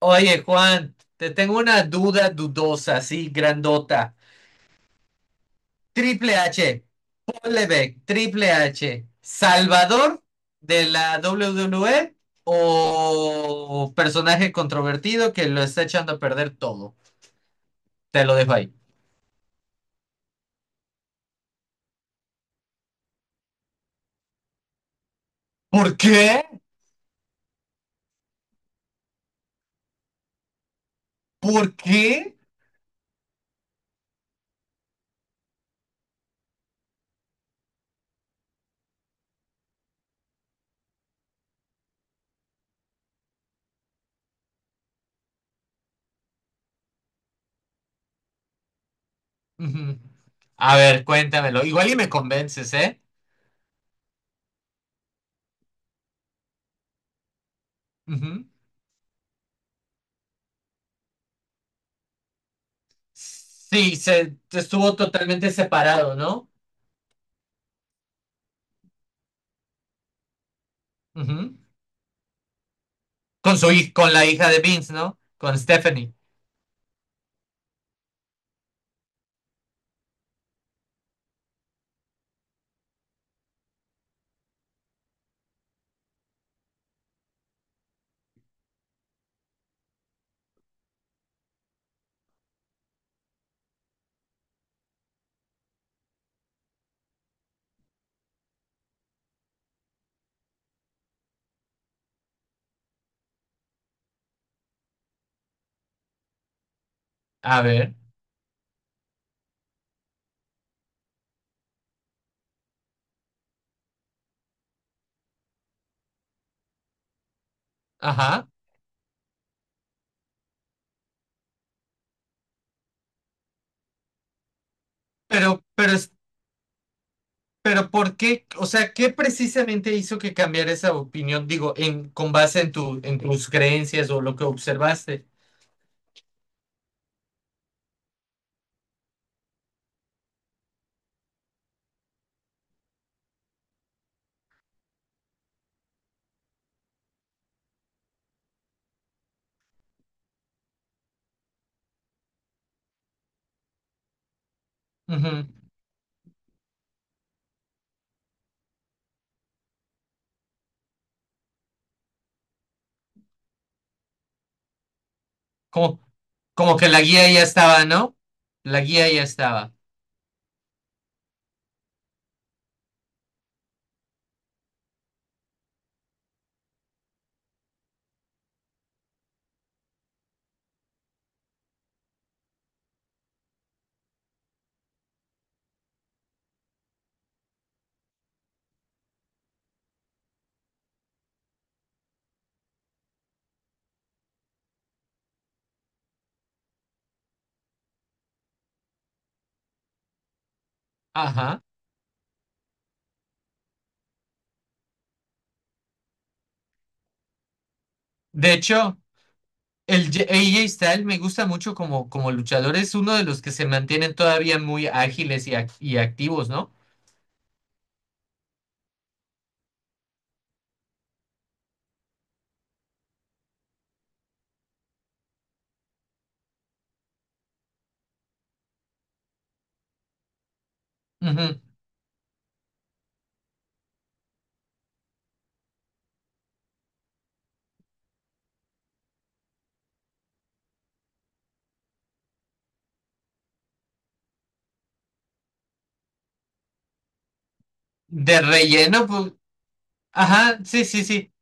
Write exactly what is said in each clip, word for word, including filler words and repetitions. Oye, Juan, te tengo una duda dudosa, así grandota. Triple H, Paul Levesque, Triple H, ¿Salvador de la W W E o personaje controvertido que lo está echando a perder todo? Te lo dejo ahí. ¿Por qué? ¿Por qué? Ujú. A ver, cuéntamelo. Igual y me convences, ¿eh? Ujú. Sí, se estuvo totalmente separado, no. Ujú. Con su hij- con la hija de Vince, ¿no? Con Stephanie. A ver, ajá. Pero, pero, es- pero, ¿por qué? O sea, ¿qué precisamente hizo que cambiara esa opinión? Digo, en, con base en tu, en tus creencias o lo que observaste. Ujú. Como, como que la guía ya estaba, ¿no? La guía ya estaba. Ajá. De hecho, el J- A J Styles me gusta mucho como, como luchador. Es uno de los que se mantienen todavía muy ágiles y, ac- y activos, ¿no? Ujú. De relleno, pues, ajá, sí, sí, sí,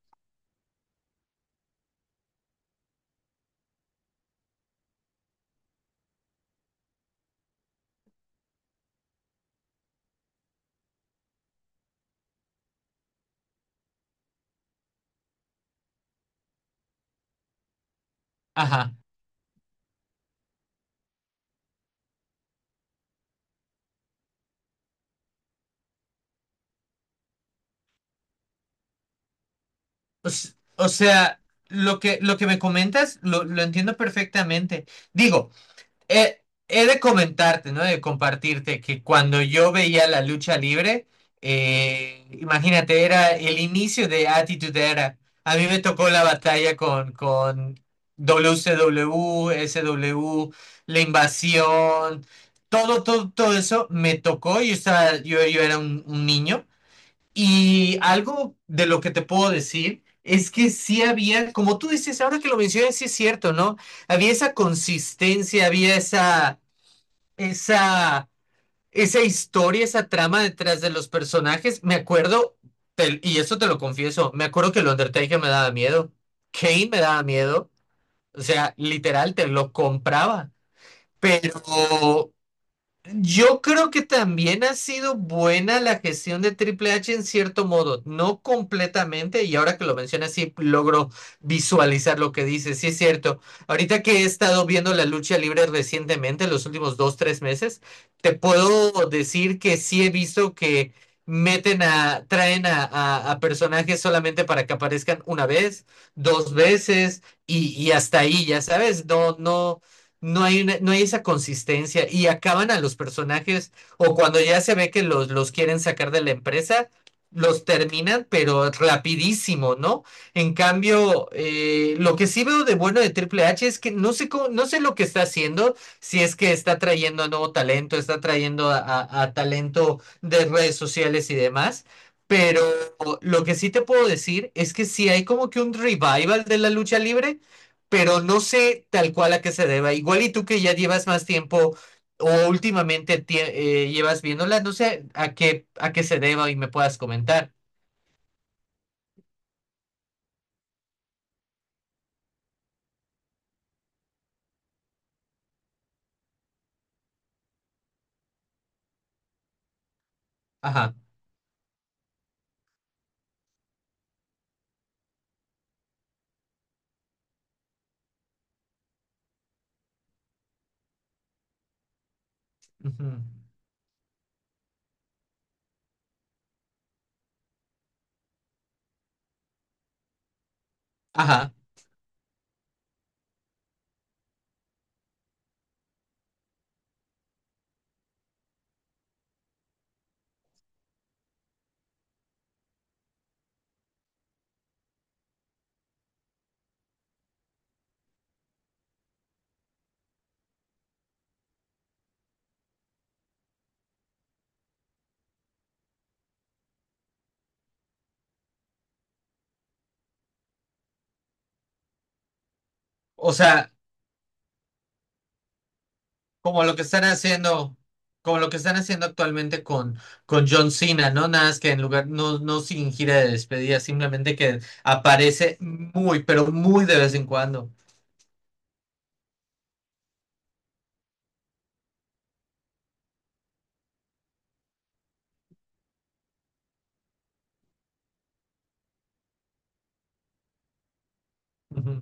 ajá. O, s- o sea, lo que, lo que me comentas lo, lo entiendo perfectamente. Digo, eh, he de comentarte, ¿no? De compartirte que cuando yo veía la lucha libre, eh, imagínate, era el inicio de Attitude Era. A mí me tocó la batalla con, con W C W, S W, la invasión, todo, todo, todo eso me tocó. Yo estaba, yo, yo era un un niño. Y algo de lo que te puedo decir es que sí había, como tú dices, ahora que lo mencionas, sí es cierto, ¿no? Había esa consistencia, había esa, esa, esa historia, esa trama detrás de los personajes. Me acuerdo, te- y eso te lo confieso, me acuerdo que el Undertaker me daba miedo, Kane me daba miedo, o sea, literal, te lo compraba. Pero yo creo que también ha sido buena la gestión de Triple H en cierto modo, no completamente, y ahora que lo mencionas sí logro visualizar lo que dices, sí es cierto. Ahorita que he estado viendo la lucha libre recientemente, los últimos dos, tres meses, te puedo decir que sí he visto que meten a, traen a, a- a personajes solamente para que aparezcan una vez, dos veces, y, y hasta ahí, ya sabes, no, no no hay, una- no hay esa consistencia y acaban a los personajes o cuando ya se ve que los, los quieren sacar de la empresa, los terminan, pero rapidísimo, ¿no? En cambio, eh, lo que sí veo de bueno de Triple H es que no sé cómo, no sé lo que está haciendo, si es que está trayendo a nuevo talento, está trayendo a, a- a talento de redes sociales y demás. Pero lo que sí te puedo decir es que sí hay como que un revival de la lucha libre, pero no sé tal cual a qué se deba. Igual y tú que ya llevas más tiempo o últimamente tie- eh, llevas viéndola, no sé a qué a qué se deba y me puedas comentar. Ajá. Ujú, ajá. O sea, como lo que están haciendo, como lo que están haciendo actualmente con, con John Cena, ¿no? Nada más que en lugar, no, no sin gira de despedida, simplemente que aparece muy, pero muy de vez en cuando. Ujú,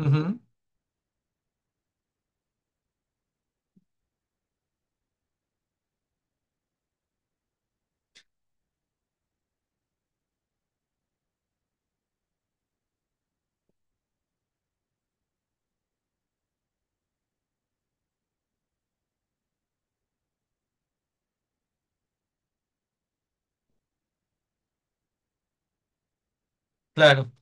ujú, claro.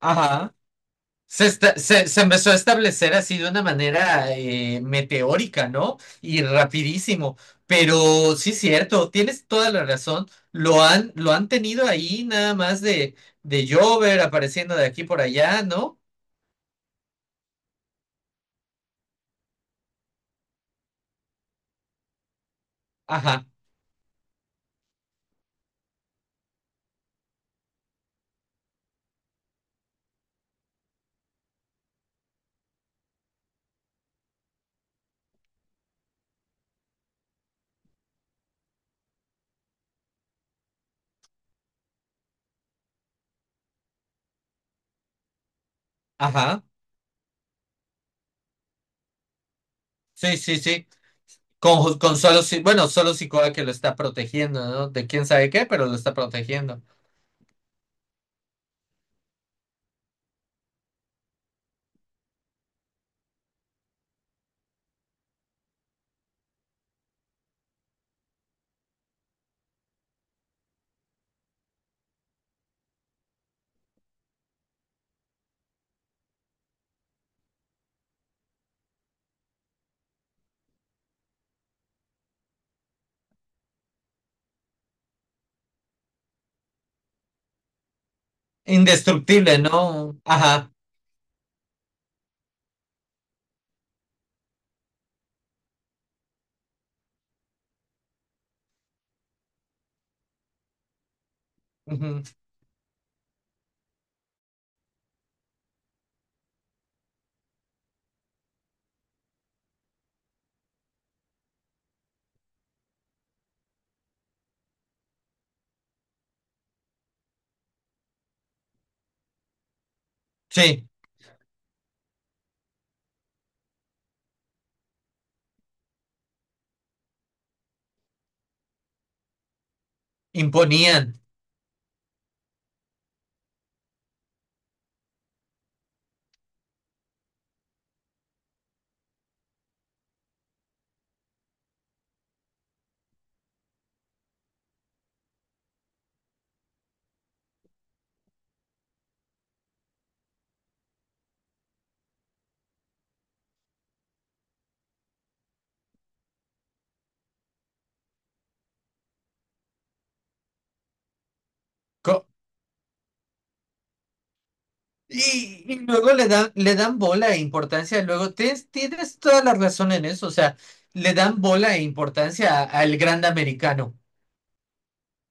Ajá. Se, esta- se, se empezó a establecer así de una manera eh, meteórica, ¿no? Y rapidísimo. Pero sí es cierto, tienes toda la razón. Lo han, lo han tenido ahí nada más de, de Jover apareciendo de aquí por allá, ¿no? Ajá, ajá. Sí, sí, sí. Con, con solo, Si- bueno, solo Sikoa que lo está protegiendo, ¿no? De quién sabe qué, pero lo está protegiendo. Indestructible, ¿no? Ajá. Ujú, sí, imponían. Co- Y, y luego le dan, le dan bola e importancia. Luego tienes, tienes toda la razón en eso. O sea, le dan bola e importancia a- al grande americano.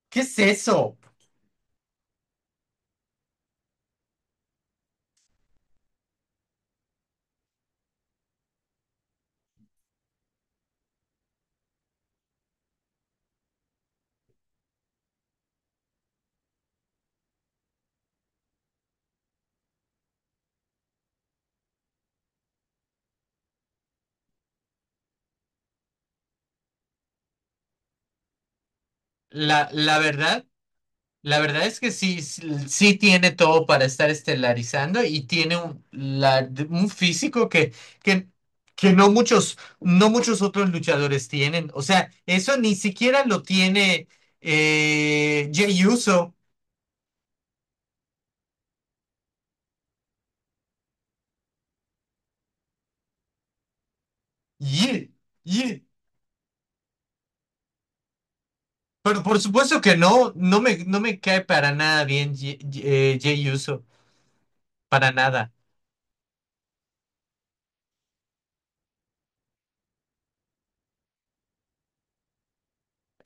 ¿Qué es eso? La, la verdad. La verdad es que sí, sí sí tiene todo para estar estelarizando y tiene un, la- un físico que, que, que no muchos, no muchos otros luchadores tienen. O sea, eso ni siquiera lo tiene eh, Jey Uso. Ye- ye. Pero por supuesto que no, no me, no me cae para nada bien Ye- Ye- eh, Jey Uso, para nada.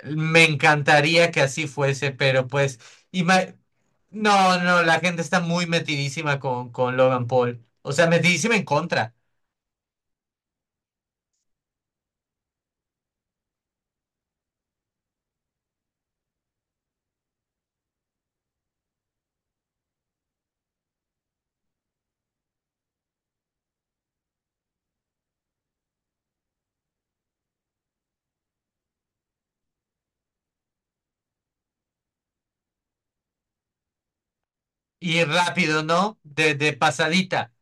Me encantaría que así fuese, pero pues, ima- no, no, la gente está muy metidísima con, con Logan Paul. O sea, metidísima en contra. Y rápido, ¿no? De, de pasadita.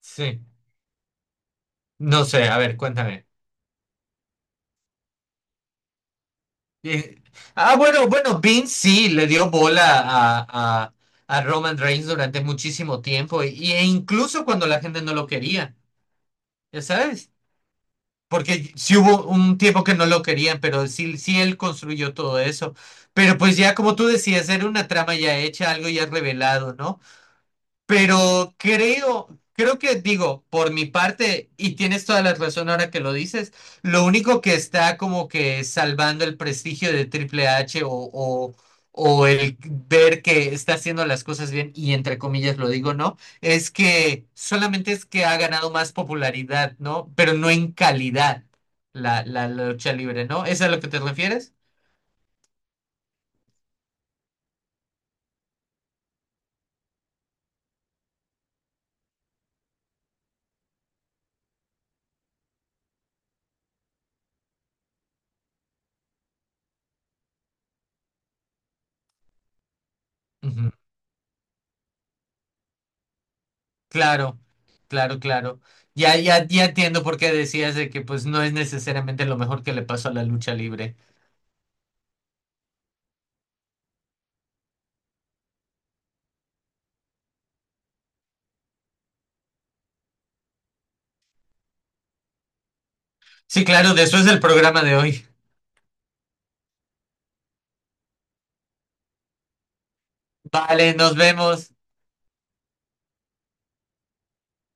Sí. No sé, a ver, cuéntame. Eh, ah, bueno, bueno, Vince sí le dio bola a, a, a Roman Reigns durante muchísimo tiempo. Y- e incluso cuando la gente no lo quería. ¿Ya sabes? Porque sí hubo un tiempo que no lo querían, pero sí, sí él construyó todo eso. Pero pues ya como tú decías, era una trama ya hecha, algo ya revelado, ¿no? Pero creo, creo que digo, por mi parte, y tienes toda la razón ahora que lo dices, lo único que está como que salvando el prestigio de Triple H o, o, o el ver que está haciendo las cosas bien, y entre comillas lo digo, ¿no? Es que solamente es que ha ganado más popularidad, ¿no? Pero no en calidad la, la, la lucha libre, ¿no? ¿Es a lo que te refieres? Ujú. Claro, claro, claro. Ya, ya, ya entiendo por qué decías de que pues no es necesariamente lo mejor que le pasó a la lucha libre. Sí, claro, de eso es el programa de hoy. Vale, nos vemos.